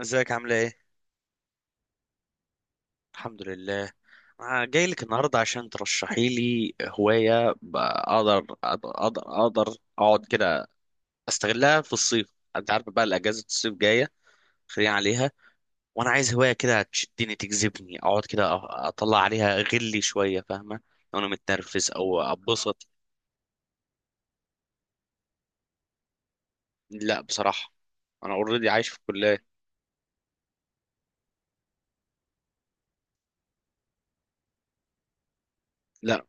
ازيك عاملة ايه؟ الحمد لله. أنا جاي لك النهاردة عشان ترشحي لي هواية أقدر أقعد كده، أستغلها في الصيف. أنت عارف بقى الأجازة الصيف جاية، خلينا عليها. وأنا عايز هواية كده تشدني تجذبني أقعد كده أطلع عليها غلي شوية، فاهمة؟ لو أنا متنرفز أو أبسط. لا بصراحة، أنا أوريدي عايش في الكلية. لا،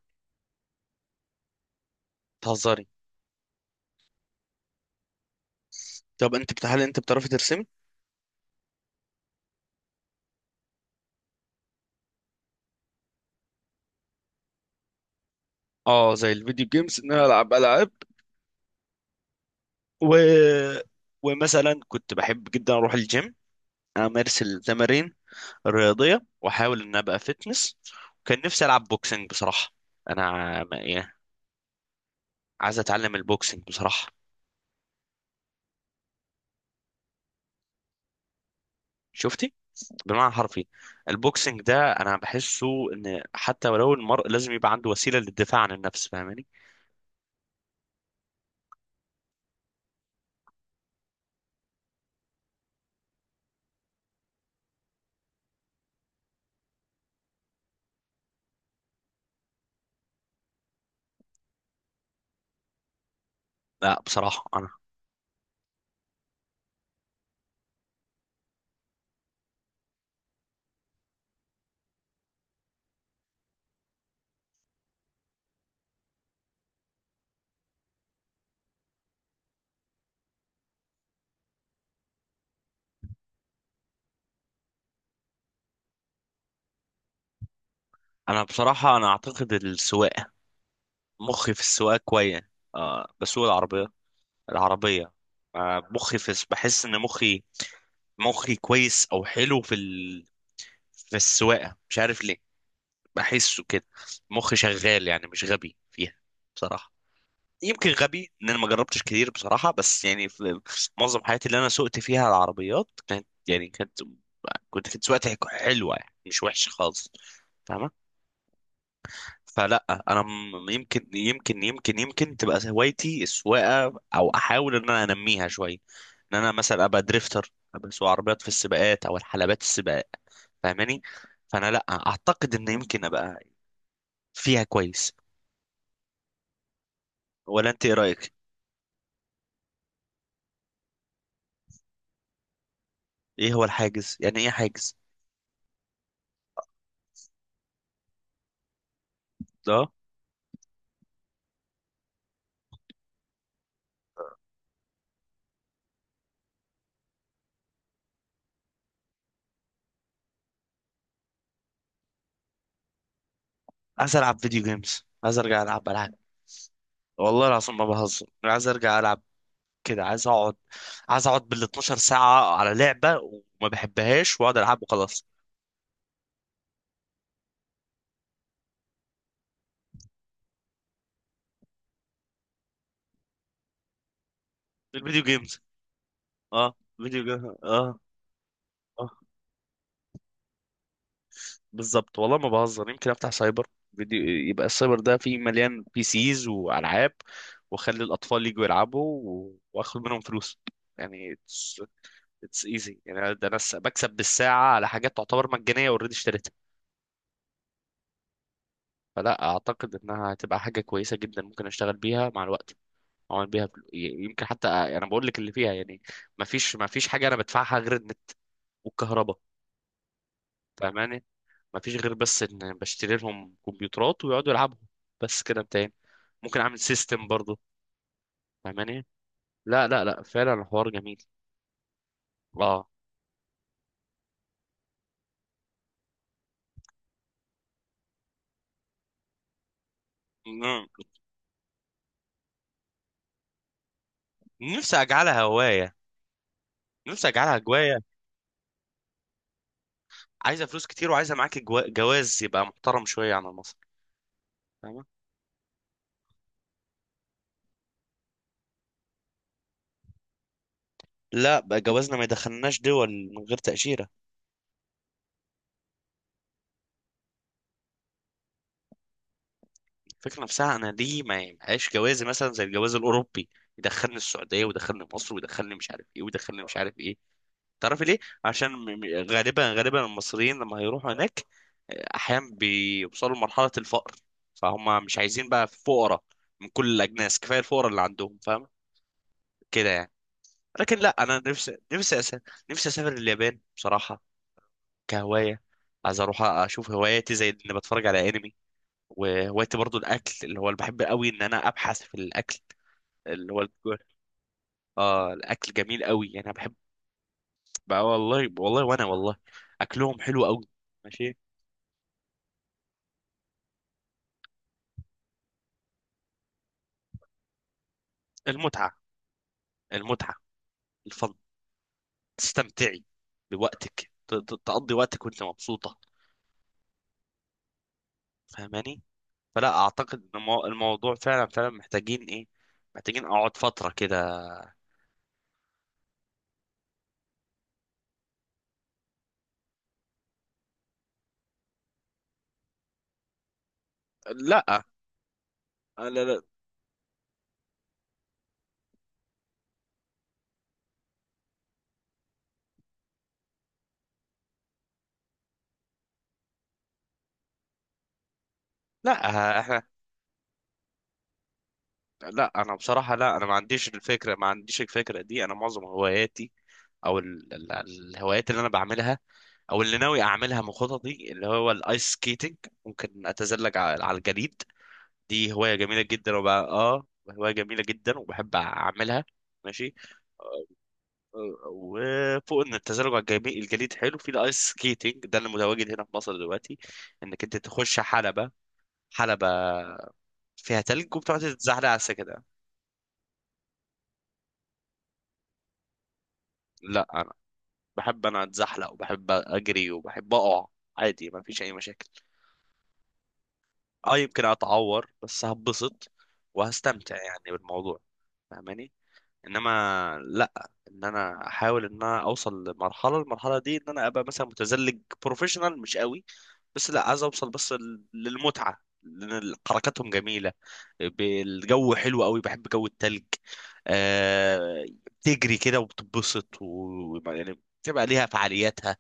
بتهزري. طب هل أنت بتعرفي ترسمي؟ اه، زي الفيديو جيمز ان انا العب العاب، و... ومثلا كنت بحب جدا اروح الجيم، امارس التمارين الرياضيه واحاول ان ابقى فيتنس. وكان نفسي العب بوكسنج بصراحه، يعني عايز اتعلم البوكسنج بصراحه. شفتي؟ بمعنى حرفي. البوكسنج ده انا بحسه ان حتى ولو المرء لازم يبقى عنده وسيله للدفاع عن النفس، فاهماني؟ لا بصراحه، انا بصراحه انا اعتقد السواقه، مخي في السواقه كويس. آه، بسوق العربيه، العربيه. آه، مخي في، بحس ان مخي كويس او حلو في السواقه، مش عارف ليه، بحسه كده. مخي شغال يعني مش غبي فيها بصراحه. يمكن غبي ان انا ما جربتش كتير بصراحه، بس يعني في معظم حياتي اللي انا سوقت فيها العربيات كانت، يعني كانت، كنت سواقتي حلوه يعني مش وحشه خالص، فاهمه؟ فلا انا يمكن تبقى هوايتي السواقه او احاول ان انا انميها شويه، ان انا مثلا ابقى دريفتر، ابقى اسوق عربيات في السباقات او الحلبات السباق، فاهماني؟ فانا لا اعتقد ان يمكن ابقى فيها كويس. ولا انت ايه رايك؟ ايه هو الحاجز، يعني ايه حاجز ده؟ عايز العب فيديو جيمز، عايز ارجع العب العاب. والله العظيم ما بهزر، عايز ارجع العب كده، عايز اقعد، عايز اقعد بال 12 ساعه على لعبه وما بحبهاش واقعد العب وخلاص. الفيديو جيمز، اه فيديو جيمز اه. آه. بالظبط والله ما بهزر، يمكن افتح سايبر فيديو. يبقى السايبر ده فيه مليان بي سيز والعاب، واخلي الاطفال يجوا يلعبوا واخد منهم فلوس. يعني it's it's easy يعني، ده بكسب بالساعه على حاجات تعتبر مجانيه اوريدي اشتريتها. فلا اعتقد انها هتبقى حاجه كويسه جدا، ممكن اشتغل بيها مع الوقت، اعمل بيها يمكن حتى انا بقول لك اللي فيها يعني، ما فيش حاجه انا بدفعها غير النت والكهرباء، فاهماني؟ ما فيش غير بس ان بشتري لهم كمبيوترات ويقعدوا يلعبوا، بس كده انتهينا. ممكن اعمل سيستم برضه، فاهماني؟ لا لا لا فعلا الحوار جميل. اه، ن- نفسي اجعلها هوايه، نفسي اجعلها هوايه. عايزه فلوس كتير، وعايزه معاك جواز يبقى محترم شويه عن مصر، فاهمه؟ لا، بقى جوازنا ما يدخلناش دول من غير تاشيره. الفكره نفسها، انا ليه ما يبقاش جوازي مثلا زي الجواز الاوروبي، يدخلني السعوديه ويدخلني مصر ويدخلني مش عارف ايه ويدخلني مش عارف ايه. تعرفي ليه؟ عشان غالبا غالبا المصريين لما هيروحوا هناك احيانا بيوصلوا لمرحلة الفقر، فهم مش عايزين بقى فقراء من كل الاجناس، كفاية الفقراء اللي عندهم فاهم كده يعني. لكن لا، انا نفسي نفسي اسافر اليابان بصراحة كهواية، عايز اروح اشوف هواياتي زي اني بتفرج على انمي. وهوايتي برضو الاكل، اللي هو اللي بحب قوي ان انا ابحث في الاكل، اللي هو اه الاكل جميل قوي، يعني انا بحب بقى، والله والله وانا والله اكلهم حلو قوي. ماشي. المتعة، المتعة، الفن، تستمتعي بوقتك، تقضي وقتك وانت مبسوطة، فاهماني؟ فلا اعتقد ان الموضوع فعلا فعلا محتاجين ايه، محتاجين اقعد فترة كده. لا لا لا لا احنا، لا انا بصراحة، لا انا ما عنديش الفكرة دي. انا معظم هواياتي، او الهوايات اللي انا بعملها او اللي ناوي اعملها من خططي اللي هو الايس سكيتنج، ممكن اتزلج على الجليد. دي هواية جميلة جدا، وبقى اه هواية جميلة جدا وبحب أعملها. ماشي. آه، آه، وفوق ان التزلج على الجليد حلو في الايس سكيتنج ده اللي متواجد هنا في مصر دلوقتي، انك انت تخش حلبة، حلبة فيها تلج وبتقعد تتزحلق على السكة. لا انا بحب انا اتزحلق وبحب اجري وبحب اقع عادي، ما فيش اي مشاكل. اه يمكن اتعور بس هبسط وهستمتع يعني بالموضوع، فاهماني؟ انما لا، ان انا احاول ان انا اوصل المرحله دي ان انا ابقى مثلا متزلج بروفيشنال، مش قوي بس، لا عايز اوصل بس للمتعه، لان حركاتهم جميله، الجو حلو قوي، بحب جو التلج. آه، تجري كده وبتتبسط، و... يعني بتبقى ليها فعالياتها.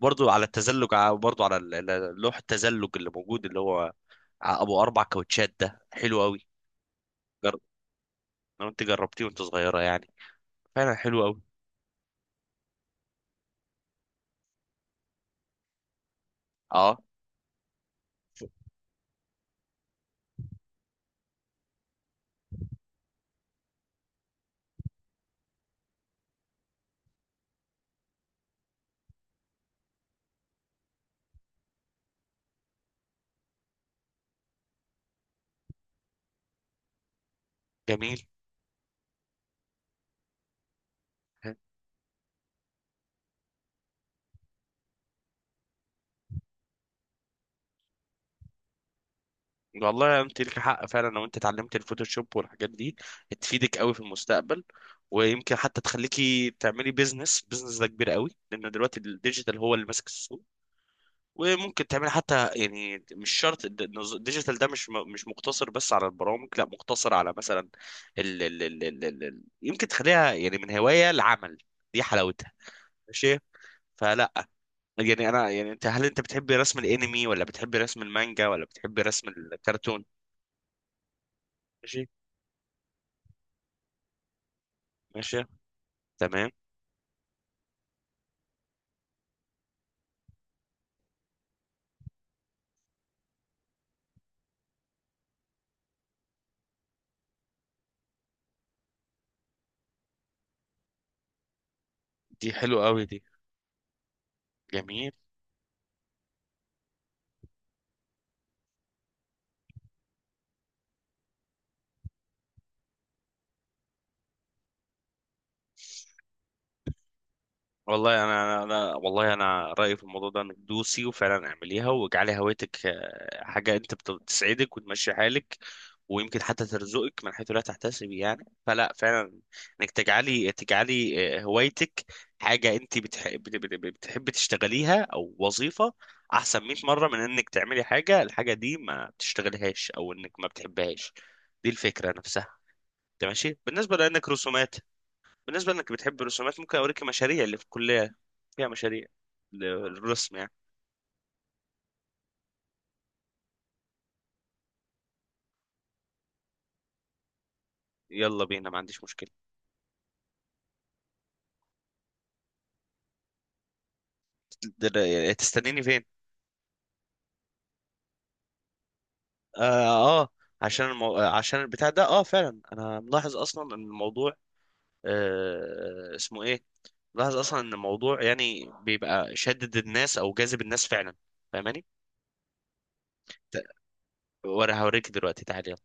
برضو على التزلج، برضو على لوح التزلج اللي موجود، اللي هو ابو اربع كاوتشات ده حلو قوي. جرب، لو انت جربتيه وانت صغيره يعني فعلا حلو قوي. اه جميل. والله انت لك حق فعلا، لو انت اتعلمت الفوتوشوب والحاجات دي تفيدك قوي في المستقبل، ويمكن حتى تخليكي تعملي بيزنس. بيزنس ده كبير قوي لان دلوقتي الديجيتال هو اللي ماسك السوق. وممكن تعملي حتى يعني مش شرط الديجيتال ده مش مش مقتصر بس على البرامج، لا مقتصر على مثلا يمكن تخليها يعني من هواية لعمل، دي حلاوتها. ماشي. فلا يعني انا يعني انت، هل انت بتحبي رسم الانمي ولا بتحبي رسم المانجا ولا بتحبي رسم الكرتون؟ ماشي ماشي تمام. دي حلو قوي دي، جميل. والله انا والله انا رايي في الموضوع ده انك دوسي وفعلا اعمليها، واجعلي هوايتك آه حاجه انت بتسعدك وتمشي حالك، ويمكن حتى ترزقك من حيث لا تحتسبي يعني. فلا فعلا، انك تجعلي آه هوايتك حاجه انت بتحبي تشتغليها او وظيفه، احسن 100 مره من انك تعملي حاجه الحاجه دي ما بتشتغلهاش او انك ما بتحبهاش، دي الفكره نفسها. تمام ماشي، بالنسبه لانك رسومات، بالنسبة انك بتحب الرسومات ممكن اوريك مشاريع اللي في الكلية فيها مشاريع للرسم يعني. يلا بينا ما عنديش مشكلة. تستنيني فين؟ اه، آه، عشان آه عشان البتاع ده، اه فعلا انا ملاحظ اصلا ان الموضوع آه اسمه ايه، ملاحظ اصلا ان الموضوع يعني بيبقى شدد الناس او جاذب النس فعلا، فاهماني؟ ت- وانا هوريك دلوقتي تعالي.